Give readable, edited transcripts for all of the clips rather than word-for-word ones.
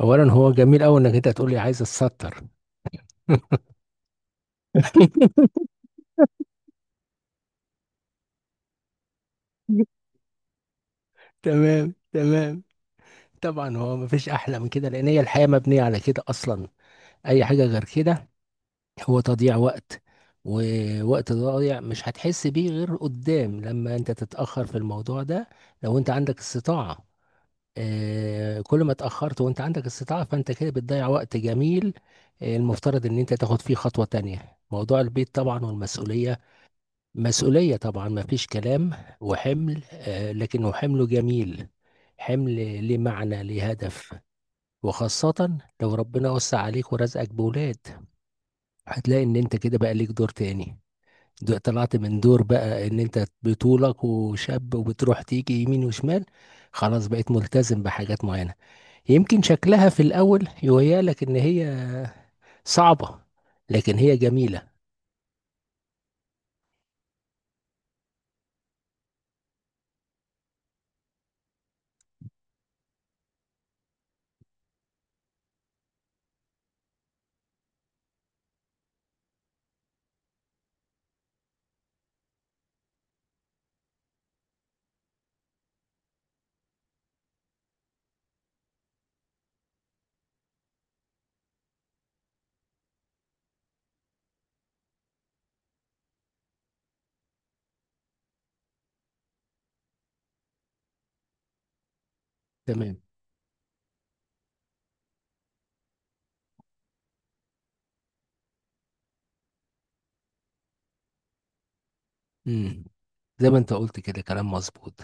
اولا، هو جميل قوي انك انت تقول لي عايز اتستر. تمام تمام. طبعا هو مفيش احلى من كده لان هي الحياه مبنيه على كده اصلا. اي حاجه غير كده هو تضييع وقت. ووقت ضايع مش هتحس بيه غير قدام لما انت تتاخر في الموضوع ده، لو انت عندك استطاعه. آه، كل ما اتاخرت وانت عندك استطاعه فانت كده بتضيع وقت جميل. آه، المفترض ان انت تاخد فيه خطوه تانية. موضوع البيت طبعا والمسؤوليه، مسؤولية طبعا ما فيش كلام. وحمل آه، لكنه حمل جميل. حمل ليه معنى، ليه هدف. وخاصة لو ربنا وسع عليك ورزقك بولاد، هتلاقي ان انت كده بقى ليك دور تاني. طلعت من دور بقى ان انت بطولك وشاب وبتروح تيجي يمين وشمال. خلاص بقيت ملتزم بحاجات معينة. يمكن شكلها في الاول يهيألك ان هي صعبة، لكن هي جميلة. تمام. امم زي ما انت قلت كده كلام مظبوط.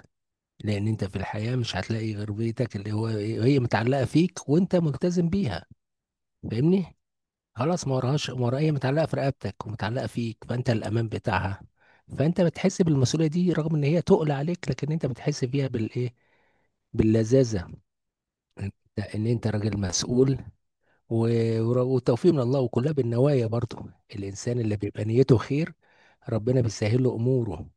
لان انت في الحياة مش هتلاقي غير بيتك اللي هو هي متعلقة فيك وانت ملتزم بيها. فاهمني؟ خلاص، ما وراهاش، ما وراها، هي متعلقة في رقبتك ومتعلقة فيك، فانت الامان بتاعها. فانت بتحس بالمسؤولية دي رغم ان هي تقل عليك، لكن انت بتحس بيها بالايه، باللذاذة. انت ان انت راجل مسؤول. والتوفيق من الله، وكلها بالنوايا برضو. الإنسان اللي بيبقى نيته خير ربنا بيسهل له أموره.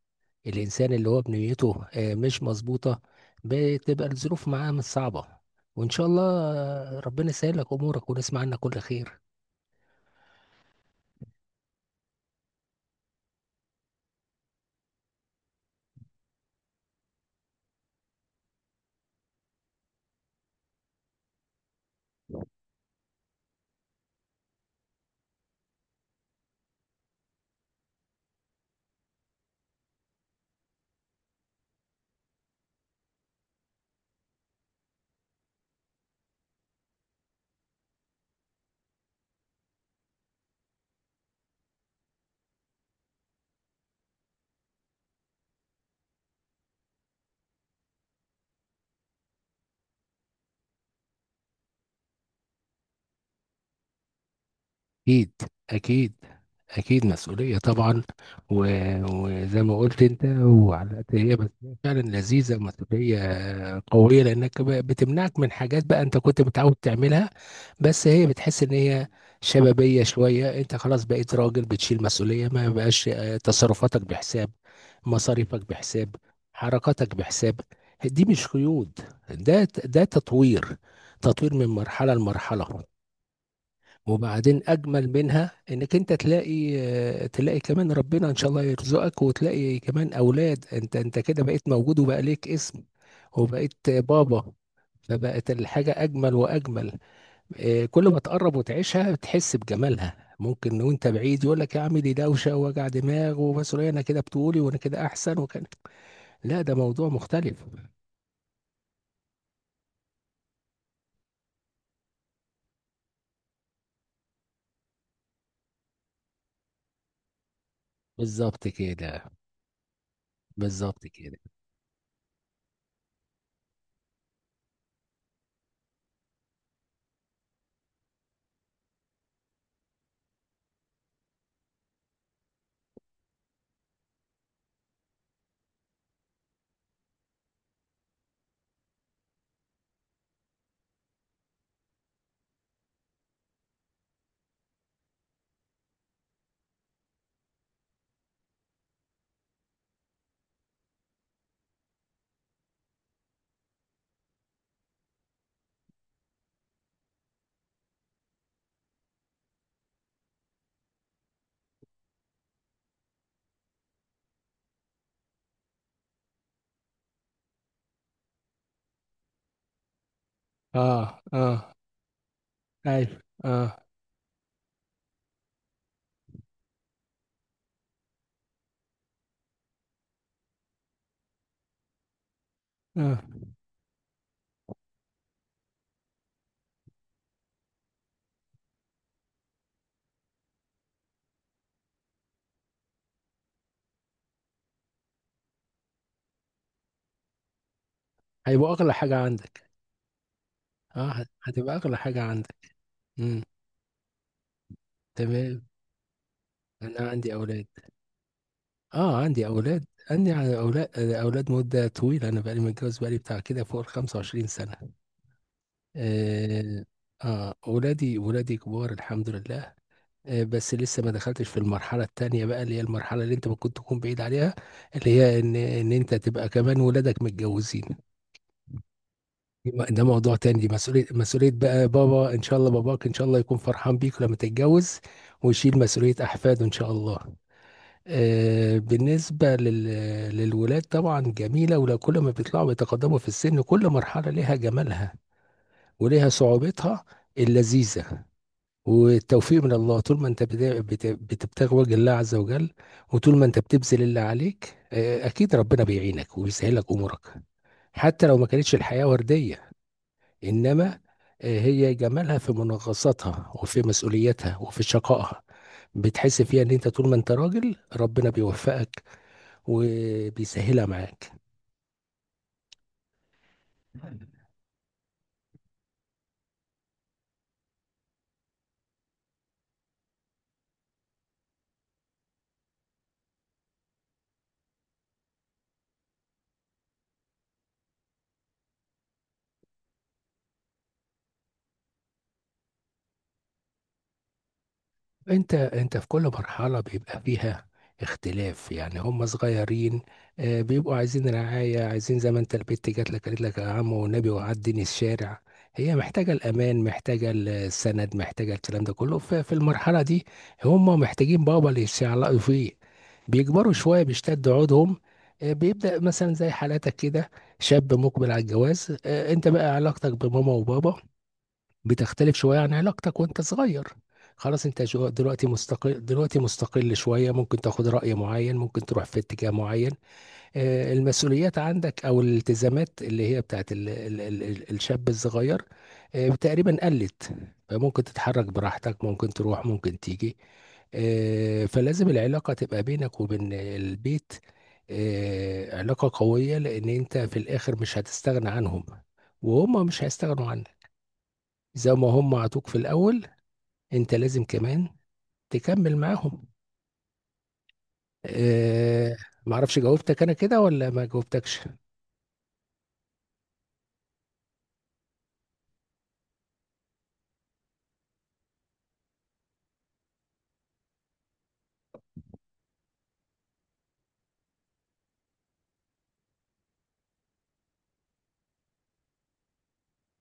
الإنسان اللي هو بنيته آه، مش مظبوطة، بتبقى الظروف معاه مش صعبة. وإن شاء الله آه، ربنا يسهل لك أمورك ونسمع عنك كل خير. اكيد، اكيد، اكيد مسؤوليه طبعا. و... وزي ما قلت انت، وعلى قد هي مسؤوليه فعلا لذيذه ومسؤوليه قويه، لانك بتمنعك من حاجات بقى انت كنت متعود تعملها. بس هي بتحس ان هي شبابيه شويه. انت خلاص بقيت راجل بتشيل مسؤوليه، ما بقاش آه، تصرفاتك بحساب، مصاريفك بحساب، حركاتك بحساب. دي مش قيود. ده تطوير، تطوير من مرحله لمرحله. وبعدين اجمل منها انك انت تلاقي كمان ربنا ان شاء الله يرزقك، وتلاقي كمان اولاد. انت كده بقيت موجود وبقى ليك اسم وبقيت بابا. فبقت الحاجة اجمل واجمل. آه، كل ما تقرب وتعيشها تحس بجمالها. ممكن وانت بعيد يقول لك يا عم دي دوشة ووجع دماغ ومسؤولية، انا كده بتقولي وانا كده احسن وكان. لا، ده موضوع مختلف. بالظبط كده، بالظبط كده. اه، اه. ايوه، اه، اه. هيبقى اغلى حاجة عندك. اه، هتبقى اغلى حاجة عندك. امم. تمام. انا عندي اولاد. اه، عندي اولاد. عندي على اولاد، اولاد مدة طويلة. انا بقالي متجوز، بقالي بتاع كده فوق ال 25 سنة. اه، اه، ولادي ولادي كبار الحمد لله. آه، بس لسه ما دخلتش في المرحلة التانية بقى، اللي هي المرحلة اللي انت ممكن تكون بعيد عليها، اللي هي ان انت تبقى كمان ولادك متجوزين. ده موضوع تاني. دي مسؤولية، مسؤولية بقى بابا. ان شاء الله باباك ان شاء الله يكون فرحان بيك لما تتجوز، ويشيل مسؤولية أحفاده إن شاء الله. آه، بالنسبة للولاد طبعا جميلة، ولو كل ما بيطلعوا بيتقدموا في السن كل مرحلة لها جمالها، ولها صعوبتها اللذيذة. والتوفيق من الله طول ما انت بتبتغي وجه الله عز وجل. وطول ما انت بتبذل اللي عليك آه، اكيد ربنا بيعينك وبيسهلك امورك حتى لو ما كانتش الحياة وردية. انما آه، هي جمالها في منغصاتها وفي مسؤوليتها وفي شقائها. بتحس فيها ان انت طول ما انت راجل ربنا بيوفقك وبيسهلها معاك. انت في كل مرحلة بيبقى فيها اختلاف، يعني هم صغيرين آه، بيبقوا عايزين رعاية، عايزين زي ما انت البت جات لك قالت لك يا عم والنبي وعدني الشارع. هي محتاجة الأمان، محتاجة السند، محتاجة الكلام ده كله في المرحلة دي. هم محتاجين بابا اللي يتشعلقوا فيه. بيكبروا شوية بيشتد عودهم. آه، بيبدأ مثلا زي حالاتك كده، شاب مقبل على الجواز. آه، انت بقى علاقتك بماما وبابا بتختلف شوية عن علاقتك وانت صغير. خلاص انت دلوقتي مستقل، دلوقتي مستقل شوية، ممكن تاخد رأي معين، ممكن تروح في اتجاه معين. آه، المسؤوليات عندك او الالتزامات اللي هي بتاعت ال ال ال ال الشاب الصغير آه، تقريبا قلت. فممكن تتحرك براحتك، ممكن تروح، ممكن تيجي. آه، فلازم العلاقة تبقى بينك وبين البيت آه، علاقة قوية، لأن أنت في الآخر مش هتستغنى عنهم، وهم مش هيستغنوا عنك. زي ما هم عطوك في الاول، انت لازم كمان تكمل معاهم. آه. ما اعرفش جاوبتك انا كده ولا ما جاوبتكش؟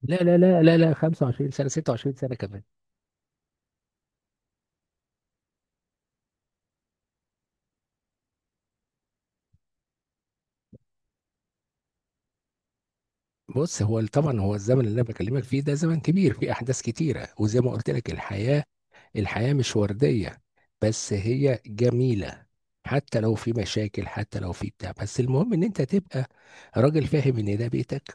لا لا لا لا لا، 25 سنه، 26 سنه كمان. بص، هو طبعا هو الزمن اللي انا بكلمك فيه ده زمن كبير فيه احداث كتيره، وزي ما قلت لك، الحياه مش ورديه. بس هي جميله، حتى لو في مشاكل حتى لو في بتاع. بس المهم ان انت تبقى راجل فاهم ان ده بيتك،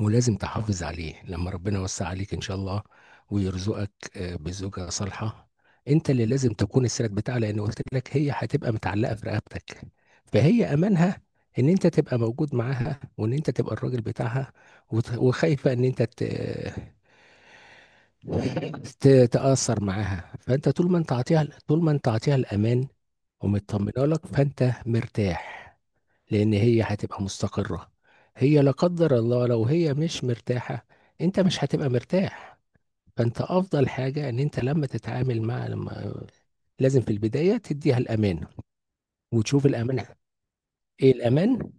ولازم تحافظ عليه. لما ربنا يوسع عليك ان شاء الله ويرزقك آه، بزوجة صالحة، انت اللي لازم تكون السند بتاعها، لان قلت لك هي هتبقى متعلقة في رقبتك. فهي امانها ان انت تبقى موجود معاها، وان انت تبقى الراجل بتاعها. وخايفة ان انت تتأثر معاها. فانت طول ما انت عطيها الامان ومطمنه لك، فانت مرتاح، لان هي هتبقى مستقرة. هي لا قدر الله لو هي مش مرتاحة، انت مش هتبقى مرتاح. فانت افضل حاجة ان انت لما تتعامل مع لما لازم في البداية تديها الامان وتشوف الامان، ايه الامان.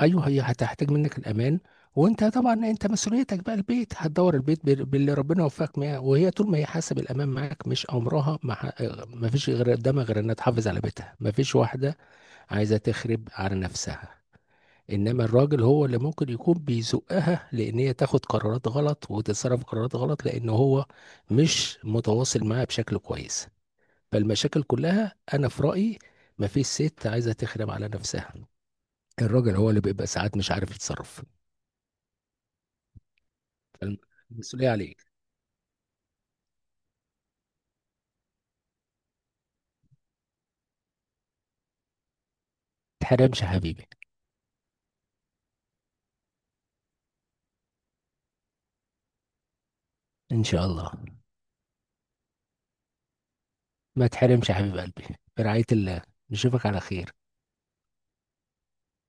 ايوه، هي هتحتاج منك الامان. وانت طبعا، انت مسؤوليتك بقى البيت، هتدور البيت باللي ربنا وفقك معاه. وهي طول ما هي حاسه بالامان معاك مش امرها، ما فيش غير قدامها غير انها تحافظ على بيتها. ما فيش واحده عايزه تخرب على نفسها. انما الراجل هو اللي ممكن يكون بيزقها لان هي تاخد قرارات غلط وتتصرف قرارات غلط، لان هو مش متواصل معاها بشكل كويس. فالمشاكل كلها انا في رايي مفيش ست عايزه تخدم على نفسها، الراجل هو اللي بيبقى ساعات مش عارف يتصرف، فالمسؤوليه عليك. ما تحرمش يا حبيبي. ان شاء الله. ما تحرمش يا حبيب قلبي. برعايه الله، نشوفك على خير.